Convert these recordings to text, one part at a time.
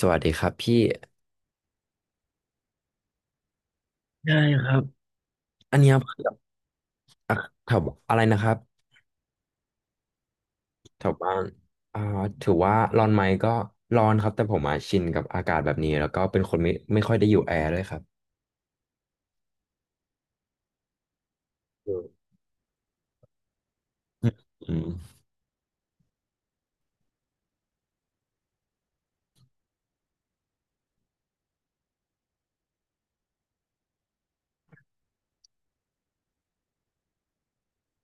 สวัสดีครับพี่ได้ครับอันเนี้ยคือแบบอ่ะแถวอะไรนะครับแถวบ้านอ่าถือว่าร้อนไหมก็ร้อนครับแต่ผมอ่ะชินกับอากาศแบบนี้แล้วก็เป็นคนไม่ค่อยได้อยู่แอร์ด้วยครับอืมอืม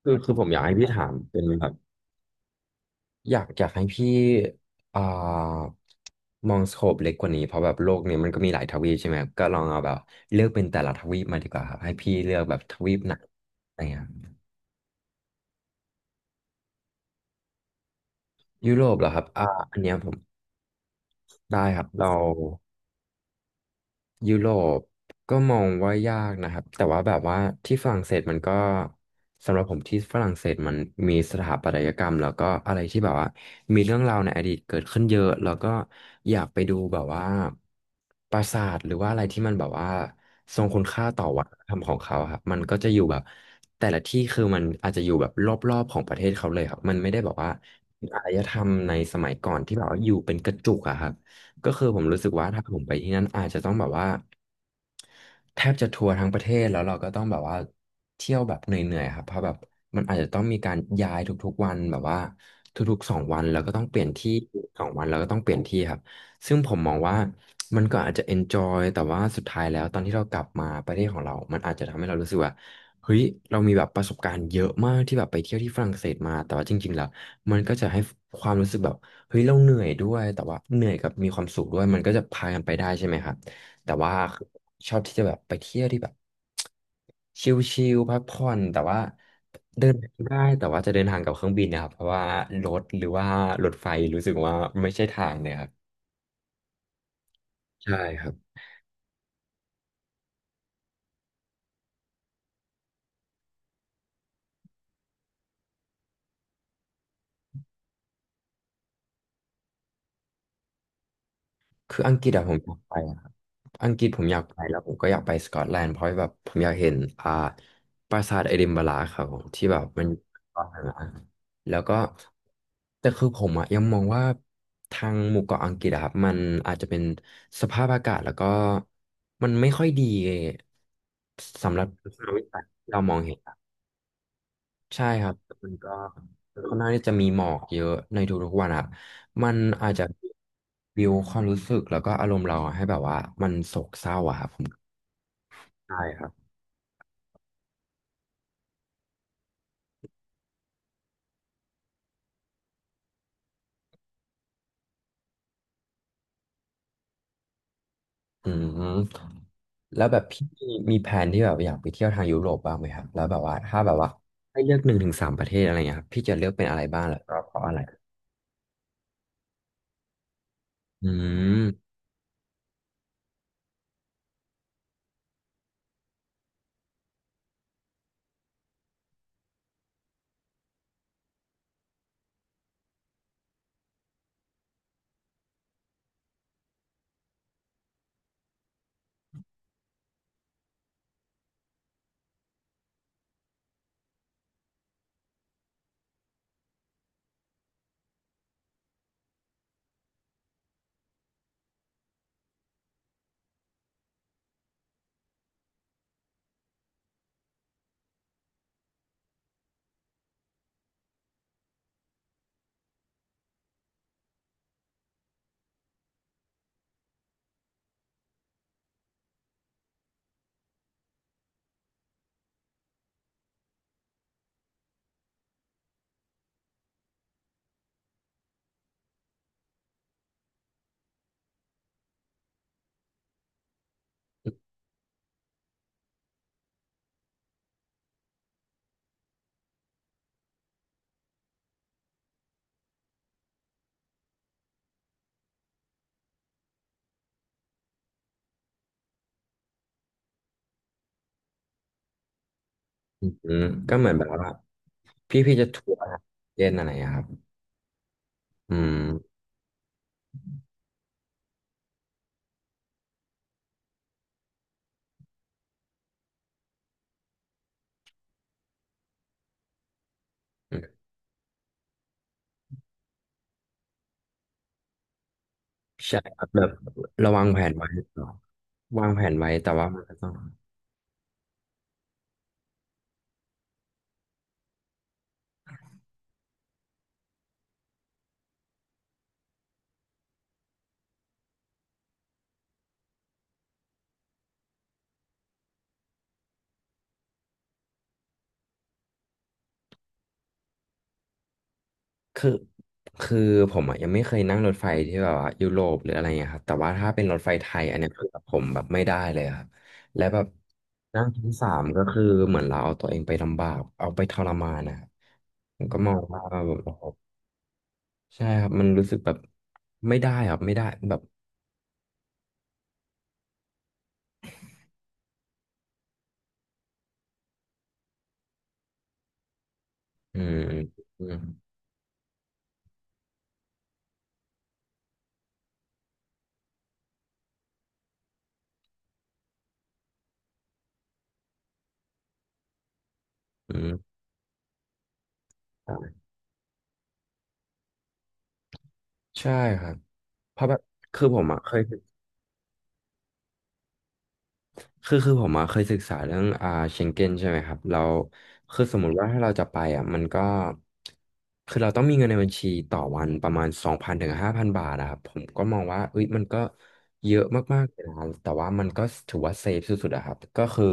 คือผมอยากให้พี่ถามเป็นแบบอยากให้พี่อ่ามองสโคปเล็กกว่านี้เพราะแบบโลกเนี้ยมันก็มีหลายทวีปใช่ไหมครับก็ลองเอาแบบเลือกเป็นแต่ละทวีปมาดีกว่าครับให้พี่เลือกแบบทวีปไหนอะไรเงี้ยยุโรปเหรอครับอันเนี้ยผม ได้ครับเรายุโรปก็มองว่ายากนะครับแต่ว่าแบบว่าที่ฝรั่งเศสมันก็สำหรับผมที่ฝรั่งเศสมันมีสถาปัตยกรรมแล้วก็อะไรที่แบบว่ามีเรื่องราวในอดีตเกิดขึ้นเยอะแล้วก็อยากไปดูแบบว่าปราสาทหรือว่าอะไรที่มันแบบว่าทรงคุณค่าต่อวัฒนธรรมของเขาครับมันก็จะอยู่แบบแต่ละที่คือมันอาจจะอยู่แบบรอบๆของประเทศเขาเลยครับมันไม่ได้แบบว่าอารยธรรมในสมัยก่อนที่แบบว่าอยู่เป็นกระจุกอะครับ ก็คือผมรู้สึกว่าถ้าผมไปที่นั่นอาจจะต้องแบบว่า แทบจะทัวร์ทั้งประเทศแล้วเราก็ต้องแบบว่าเที่ยวแบบเหนื่อยๆครับเพราะแบบมันอาจจะต้องมีการย้ายทุกๆวันแบบว่าทุกๆ 2 วันแล้วก็ต้องเปลี่ยนที่สองวันแล้วก็ต้องเปลี่ยนที่ครับซึ่งผมมองว่ามันก็อาจจะ enjoy แต่ว่าสุดท้ายแล้วตอนที่เรากลับมาประเทศของเรามันอาจจะทำให้เรารู้สึกว่าเฮ้ยเรามีแบบประสบการณ์เยอะมากที่แบบไปเที่ยวที่ฝรั่งเศสมาแต่ว่าจริงๆแล้วมันก็จะให้ความรู้สึกแบบเฮ้ยเราเหนื่อยด้วยแต่ว่าเหนื่อยกับมีความสุขด้วยมันก็จะพากันไปได้ใช่ไหมครับ แต่ว่าชอบที่จะแบบไปเที่ยวที่แบบชิลๆพักผ่อนแต่ว่าเดินได้แต่ว่าจะเดินทางกับเครื่องบินนะครับเพราะว่ารถหรือว่ารถไฟรู้สึกว่าไม่ใช่ทางเนี่ยครับใช่ครับ คืออังกฤษอะผมอยากไปอะครับอังกฤษผมอยากไปแล้วผมก็อยากไปสกอตแลนด์เพราะแบบผมอยากเห็นปราสาทเอดินบะระครับผมที่แบบมันตอนนั้นอะแล้วก็แต่คือผมอะยังมองว่าทางหมู่เกาะอังกฤษอะครับมันอาจจะเป็นสภาพอากาศแล้วก็มันไม่ค่อยดีสำหรับทัศนวิสัยที่เรามองเห็น ใช่ครับมันก็ค่อนข้างที่จะมีหมอกเยอะในทุกๆวันครับมันอาจจะบิวความรู้สึกแล้วก็อารมณ์เราให้แบบว่ามันโศกเศร้าอะครับผมใช่ครับอืมแล้วแบบพี่มีแผนที่แบบอยากไปเที่ยวทางยุโรปบ้างไหมครับแล้วแบบว่าถ้าแบบว่าให้เลือก1-3 ประเทศอะไรเงี้ยครับพี่จะเลือกเป็นอะไรบ้างแล้วก็เพราะอะไรอืมอืมก็เหมือนแบบว่าพี่จะทัวร์เจนอะไรอะครับอืม ใช่ครับแบบเราวางแผนไว้เนอะวางแผนไว้แต่ว่ามันก็ต้องคือคือผมอ่ะยังไม่เคยนั่งรถไฟที่แบบว่ายุโรปหรืออะไรเงี้ยครับแต่ว่าถ้าเป็นรถไฟไทยอันเนี้ยคือผมแบบไม่ได้เลยครับและแบบนั่งชั้นสามก็คือเหมือนเราเอาตัวเองไปลำบากเอาไปทรมานนะครับผมก็มองว่าแบบโอ้โหใช่ครับมันรู้สึกแบบไม่ได้ครับไม่ได้แบบอืมอืมอืมใช่ครับเพราะแบบคือผมอ่ะเคย คือผมอะเคยศึกษาเรื่องเชงเก้นใช่ไหมครับเราคือสมมุติว่าถ้าเราจะไปอ่ะมันก็คือเราต้องมีเงินในบัญชีต่อวันประมาณ2,000-5,000 บาทอะครับผมก็มองว่าเอ้ยมันก็เยอะมากๆเลยนะแต่ว่ามันก็ถือว่าเซฟสุดๆอะครับก็คือ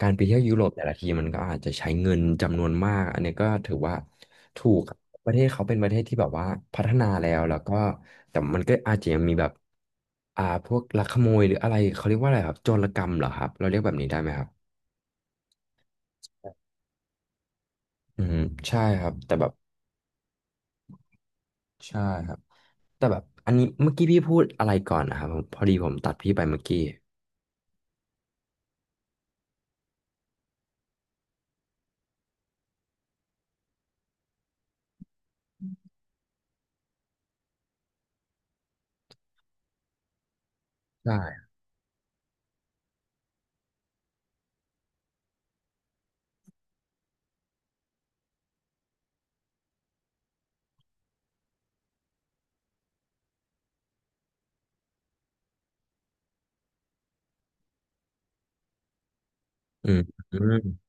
การไปเที่ยวยุโรปแต่ละทีมันก็อาจจะใช้เงินจำนวนมากอันนี้ก็ถือว่าถูก ประเทศเขาเป็นประเทศที่แบบว่าพัฒนาแล้วแล้วก็แต่มันก็อาจจะยังมีแบบพวกลักขโมยหรืออะไรเขาเรียกว่าอะไรครับโจรกรรมเหรอครับเราเรียกแบบนี้ได้ไหมครับอืมใช่ครับแต่แบบใช่ครับแต่แบบอันนี้เมื่อกี้พี่พูดอะไรก่อนนะครับผมพอดีผมตัดพี่ไปเมื่อกี้ใช่อืมอืม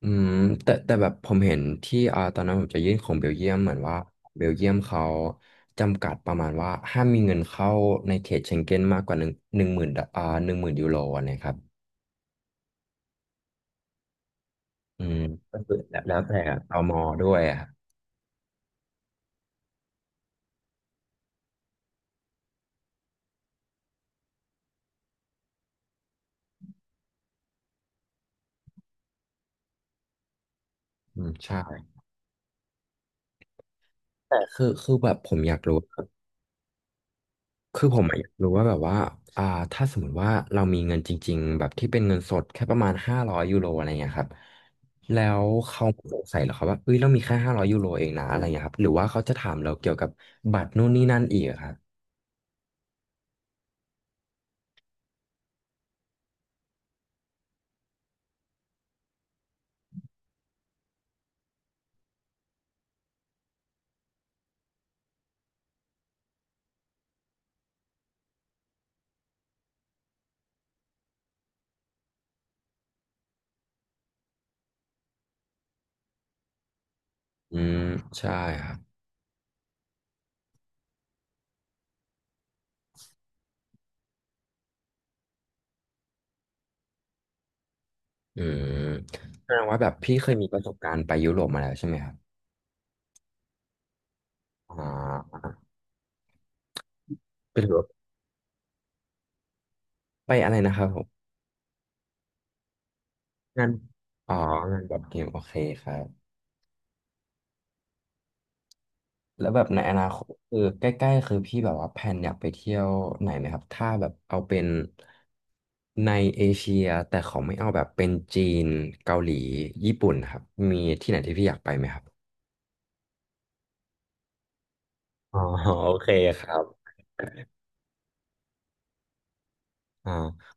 อืมแต่แบบผมเห็นที่ตอนนั้นผมจะยื่นของเบลเยียมเหมือนว่าเบลเยียมเขาจำกัดประมาณว่าห้ามมีเงินเข้าในเขตเชงเก้นมากกว่าหนึ่งหมื่น10,000 ยูโรนะครับ อืมก็คือแล้วแต่ตมด้วยอะครับอืมใช่แต่คือแบบผมอยากรู้ครับคือผมอะอยากรู้ว่าแบบว่าอ่าถ้าสมมติว่าเรามีเงินจริงๆแบบที่เป็นเงินสดแค่ประมาณห้าร้อยยูโรอะไรเงี้ยครับแล้วเขาสงสัยเหรอครับว่าเอ้ยเรามีแค่ห้าร้อยยูโรเองนะอะไรเงี้ยครับหรือว่าเขาจะถามเราเกี่ยวกับบัตรนู่นนี่นั่นอีกอะครับอืมใช่ครับอืมแสดงว่าแบบพี่เคยมีประสบการณ์ไปยุโรปมาแล้วใช่ไหมครับอ่าเป็นหรอไปอะไรนะครับผม งานอ๋องานบอร์ดเกมโอเคครับแล้วแบบในอนาคตคือใกล้ๆคือพี่แบบว่าแพลนอยากไปเที่ยวไหนไหมครับถ้าแบบเอาเป็นในเอเชียแต่เขาไม่เอาแบบเป็นจีนเกาหลีญี่ปุ่นครับมีที่ไหนที่พี่อยากไปไหมครับอ๋อ โอเคครับอ๋อ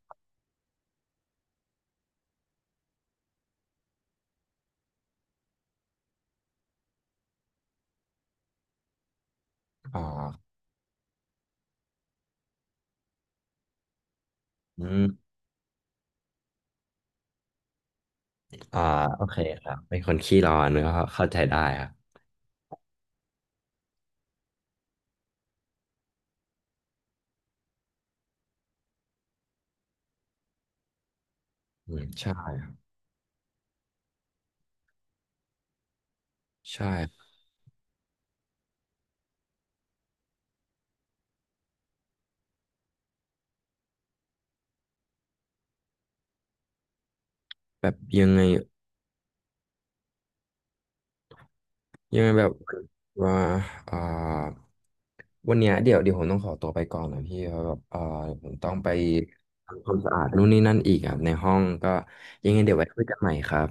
อ๋ออืมอ่าโอเคครับเป็นคนขี้ร้อน ก็เข้าใจได้ครับอืมใช่ใช่แบบยังไง ยังไงแบบว่าอ่าวันเนี้ยเดี๋ยวผมต้องขอตัวไปก่อนนะพี่เพราะแบบผมต้องไปทำความสะอาดนู่นนี่นั่นอีกอ่ะในห้องก็ยังไงเดี๋ยวไว้คุยกันใหม่ครับ